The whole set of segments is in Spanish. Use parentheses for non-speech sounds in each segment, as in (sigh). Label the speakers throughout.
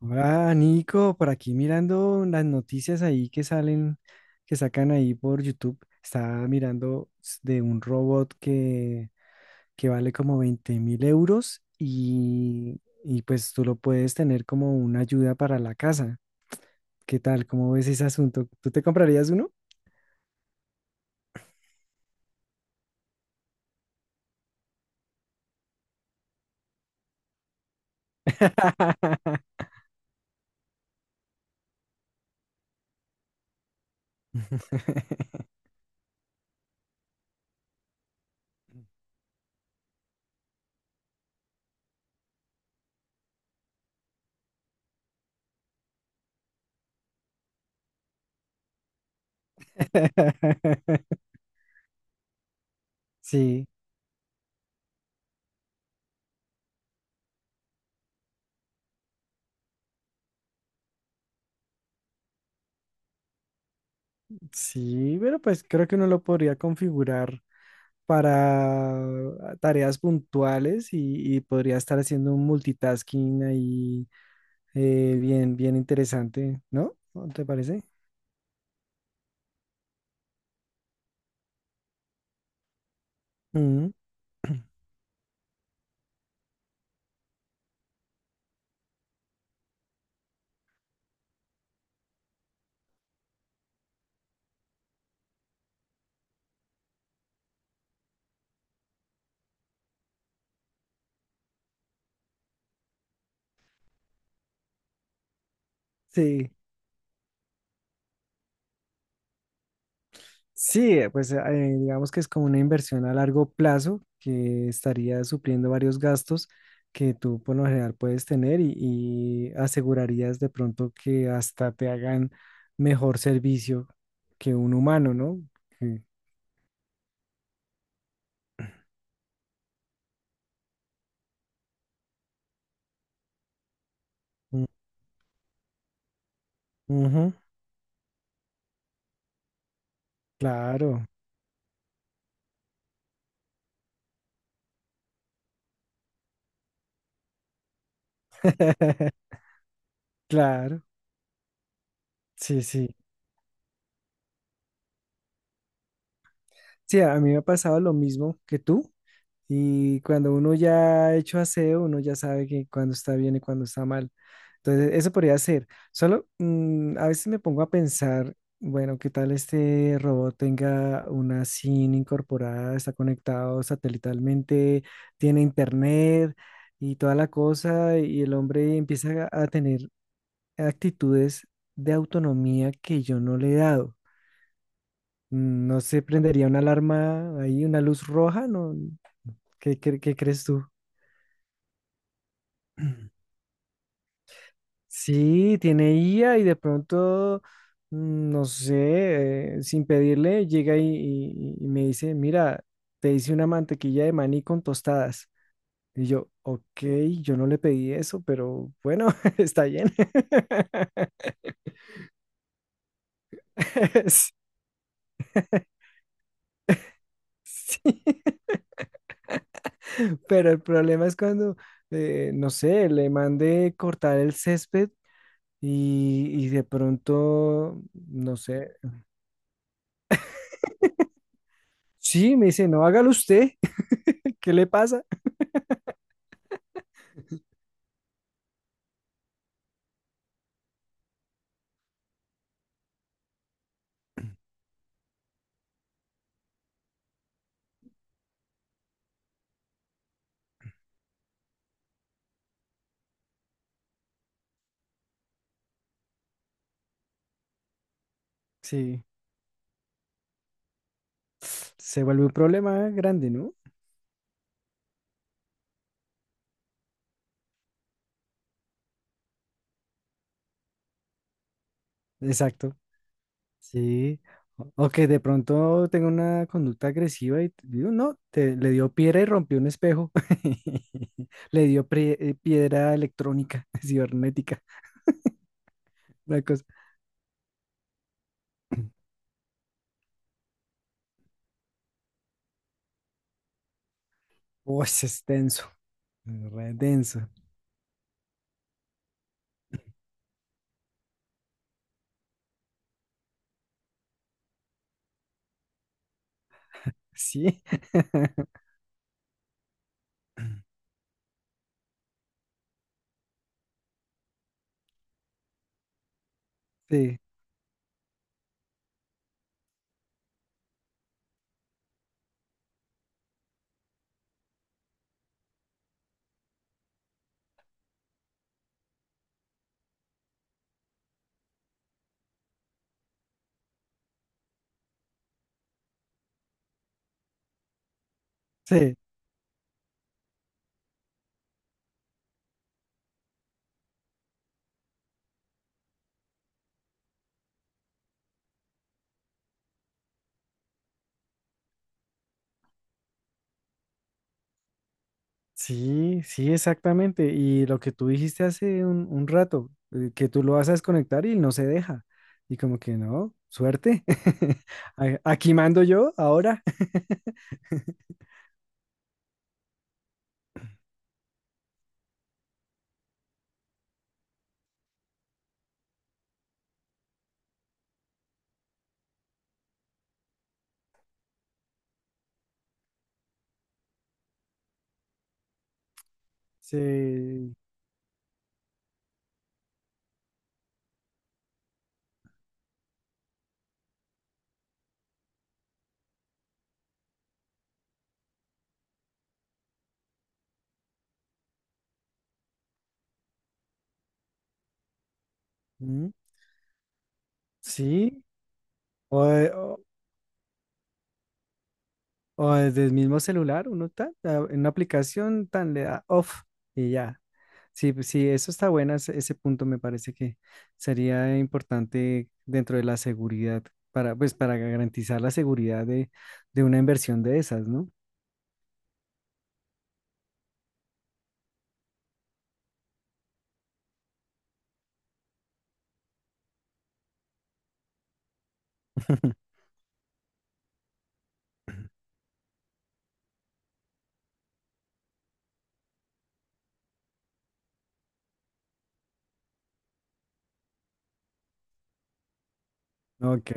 Speaker 1: Hola Nico, por aquí mirando las noticias ahí que salen, que sacan ahí por YouTube. Estaba mirando de un robot que vale como 20.000 euros y pues tú lo puedes tener como una ayuda para la casa. ¿Qué tal? ¿Cómo ves ese asunto? ¿Tú te comprarías uno? (laughs) Sí, sí, pero pues creo que uno lo podría configurar para tareas puntuales y podría estar haciendo un multitasking ahí, bien interesante, ¿no? ¿No te parece? Ujú. Sí, sí, pues, digamos que es como una inversión a largo plazo que estaría supliendo varios gastos que tú por lo general puedes tener y asegurarías de pronto que hasta te hagan mejor servicio que un humano, ¿no? Sí. Mm. Ujú, claro. (laughs) Claro, sí, sí. Sí, a mí me ha pasado lo mismo que tú. Y cuando uno ya ha hecho aseo, uno ya sabe que cuando está bien y cuando está mal. Entonces, eso podría ser. Solo a veces me pongo a pensar, bueno, ¿qué tal este robot tenga una SIM incorporada, está conectado satelitalmente, tiene internet y toda la cosa? Y el hombre empieza a tener actitudes de autonomía que yo no le he dado. ¿No se prendería una alarma ahí, una luz roja? ¿No? ¿Qué, qué crees tú? (clears throat) Sí, tiene IA y de pronto, no sé, sin pedirle, llega y me dice, mira, te hice una mantequilla de maní con tostadas. Y yo, ok, yo no le pedí eso, pero bueno, (laughs) está bien. (laughs) Sí. Sí. (laughs) Pero el problema es cuando, no sé, le mandé cortar el césped. Y de pronto, no sé. Sí, me dice, no, hágalo usted. (laughs) ¿Qué le pasa? Sí, se vuelve un problema grande, ¿no? Exacto. Sí. O que de pronto tenga una conducta agresiva digo, no, te, le dio piedra y rompió un espejo. (laughs) Le dio piedra electrónica, (laughs) cibernética. Una cosa. Uy, es denso. Re denso. Sí. (laughs) Sí. Sí. Sí, sí, exactamente. Y lo que tú dijiste hace un rato, que tú lo vas a desconectar y no se deja. Y como que no, suerte. (laughs) A- Aquí mando yo ahora. (laughs) Sí, mm, sí. O, de- o- o desde el mismo celular, uno está en una aplicación tan le da off y ya. Sí, pues sí, eso está bueno, ese punto me parece que sería importante dentro de la seguridad, para, pues para garantizar la seguridad de una inversión de esas, ¿no? (laughs) Ok,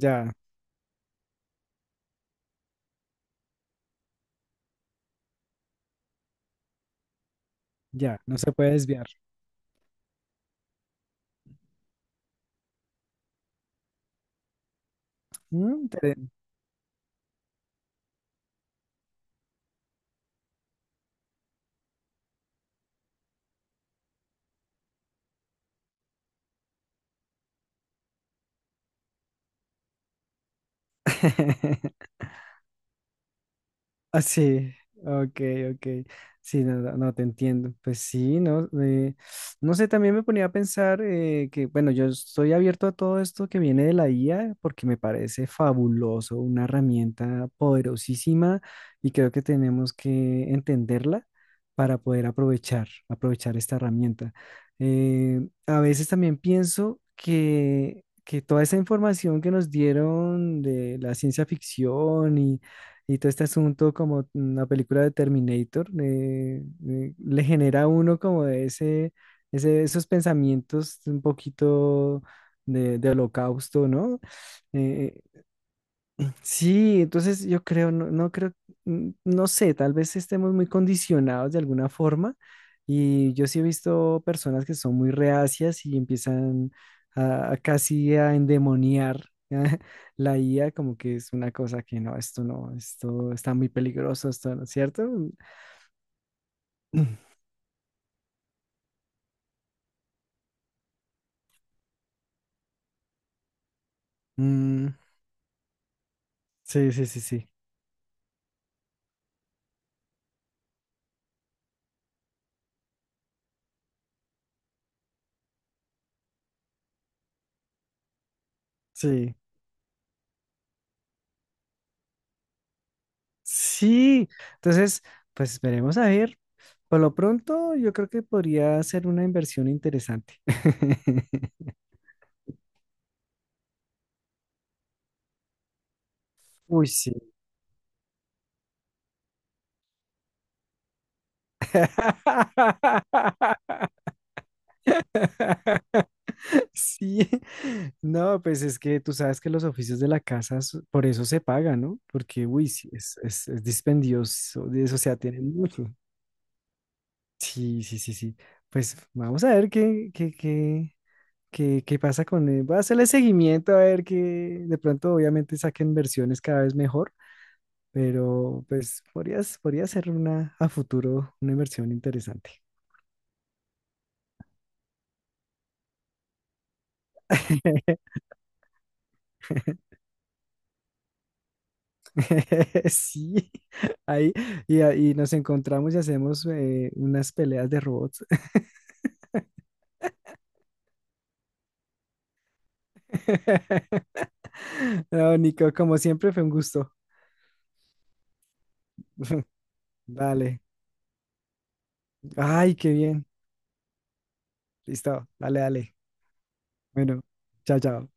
Speaker 1: ya, ya, no se puede desviar. Mm, inter- (laughs) Ah, sí, ok, ok. Sí, no, no, no, te entiendo. Pues sí, no, no sé, también me ponía a pensar, que, bueno, yo estoy abierto a todo esto que viene de la IA porque me parece fabuloso, una herramienta poderosísima y creo que tenemos que entenderla para poder aprovechar, aprovechar esta herramienta. Eh, a veces también pienso que toda esa información que nos dieron de la ciencia ficción y todo este asunto como una película de Terminator, le genera a uno como de ese, ese, esos pensamientos un poquito de holocausto, ¿no? Eh, Sí, entonces yo creo, no, no creo, no sé, tal vez estemos muy condicionados de alguna forma y yo sí he visto personas que son muy reacias y empiezan a casi a endemoniar (laughs) la IA como que es una cosa que no, esto no, esto está muy peligroso, esto no, ¿cierto? (clears throat) Mm, sí, sí, sí, sí, sí. Sí, entonces, pues veremos a ver. Por lo pronto, yo creo que podría ser una inversión interesante. (laughs) Uy, sí. (laughs) Sí, no, pues es que tú sabes que los oficios de la casa por eso se pagan, ¿no? Porque, uy, sí, es dispendioso, de eso, o sea, tienen mucho. Sí, sí, sí, sí. Pues vamos a ver qué, qué, qué, ¿qué, qué pasa con él? Voy a hacerle seguimiento a ver que de pronto obviamente saquen versiones cada vez mejor, pero pues podrías, podría ser una a futuro una inversión interesante. (laughs) Sí, ahí ahí nos encontramos y hacemos, unas peleas de robots. (laughs) No, Nico, como siempre fue un gusto. (laughs) Dale. Ay, qué bien. Listo. Dale, dale. Bueno, chao, chao.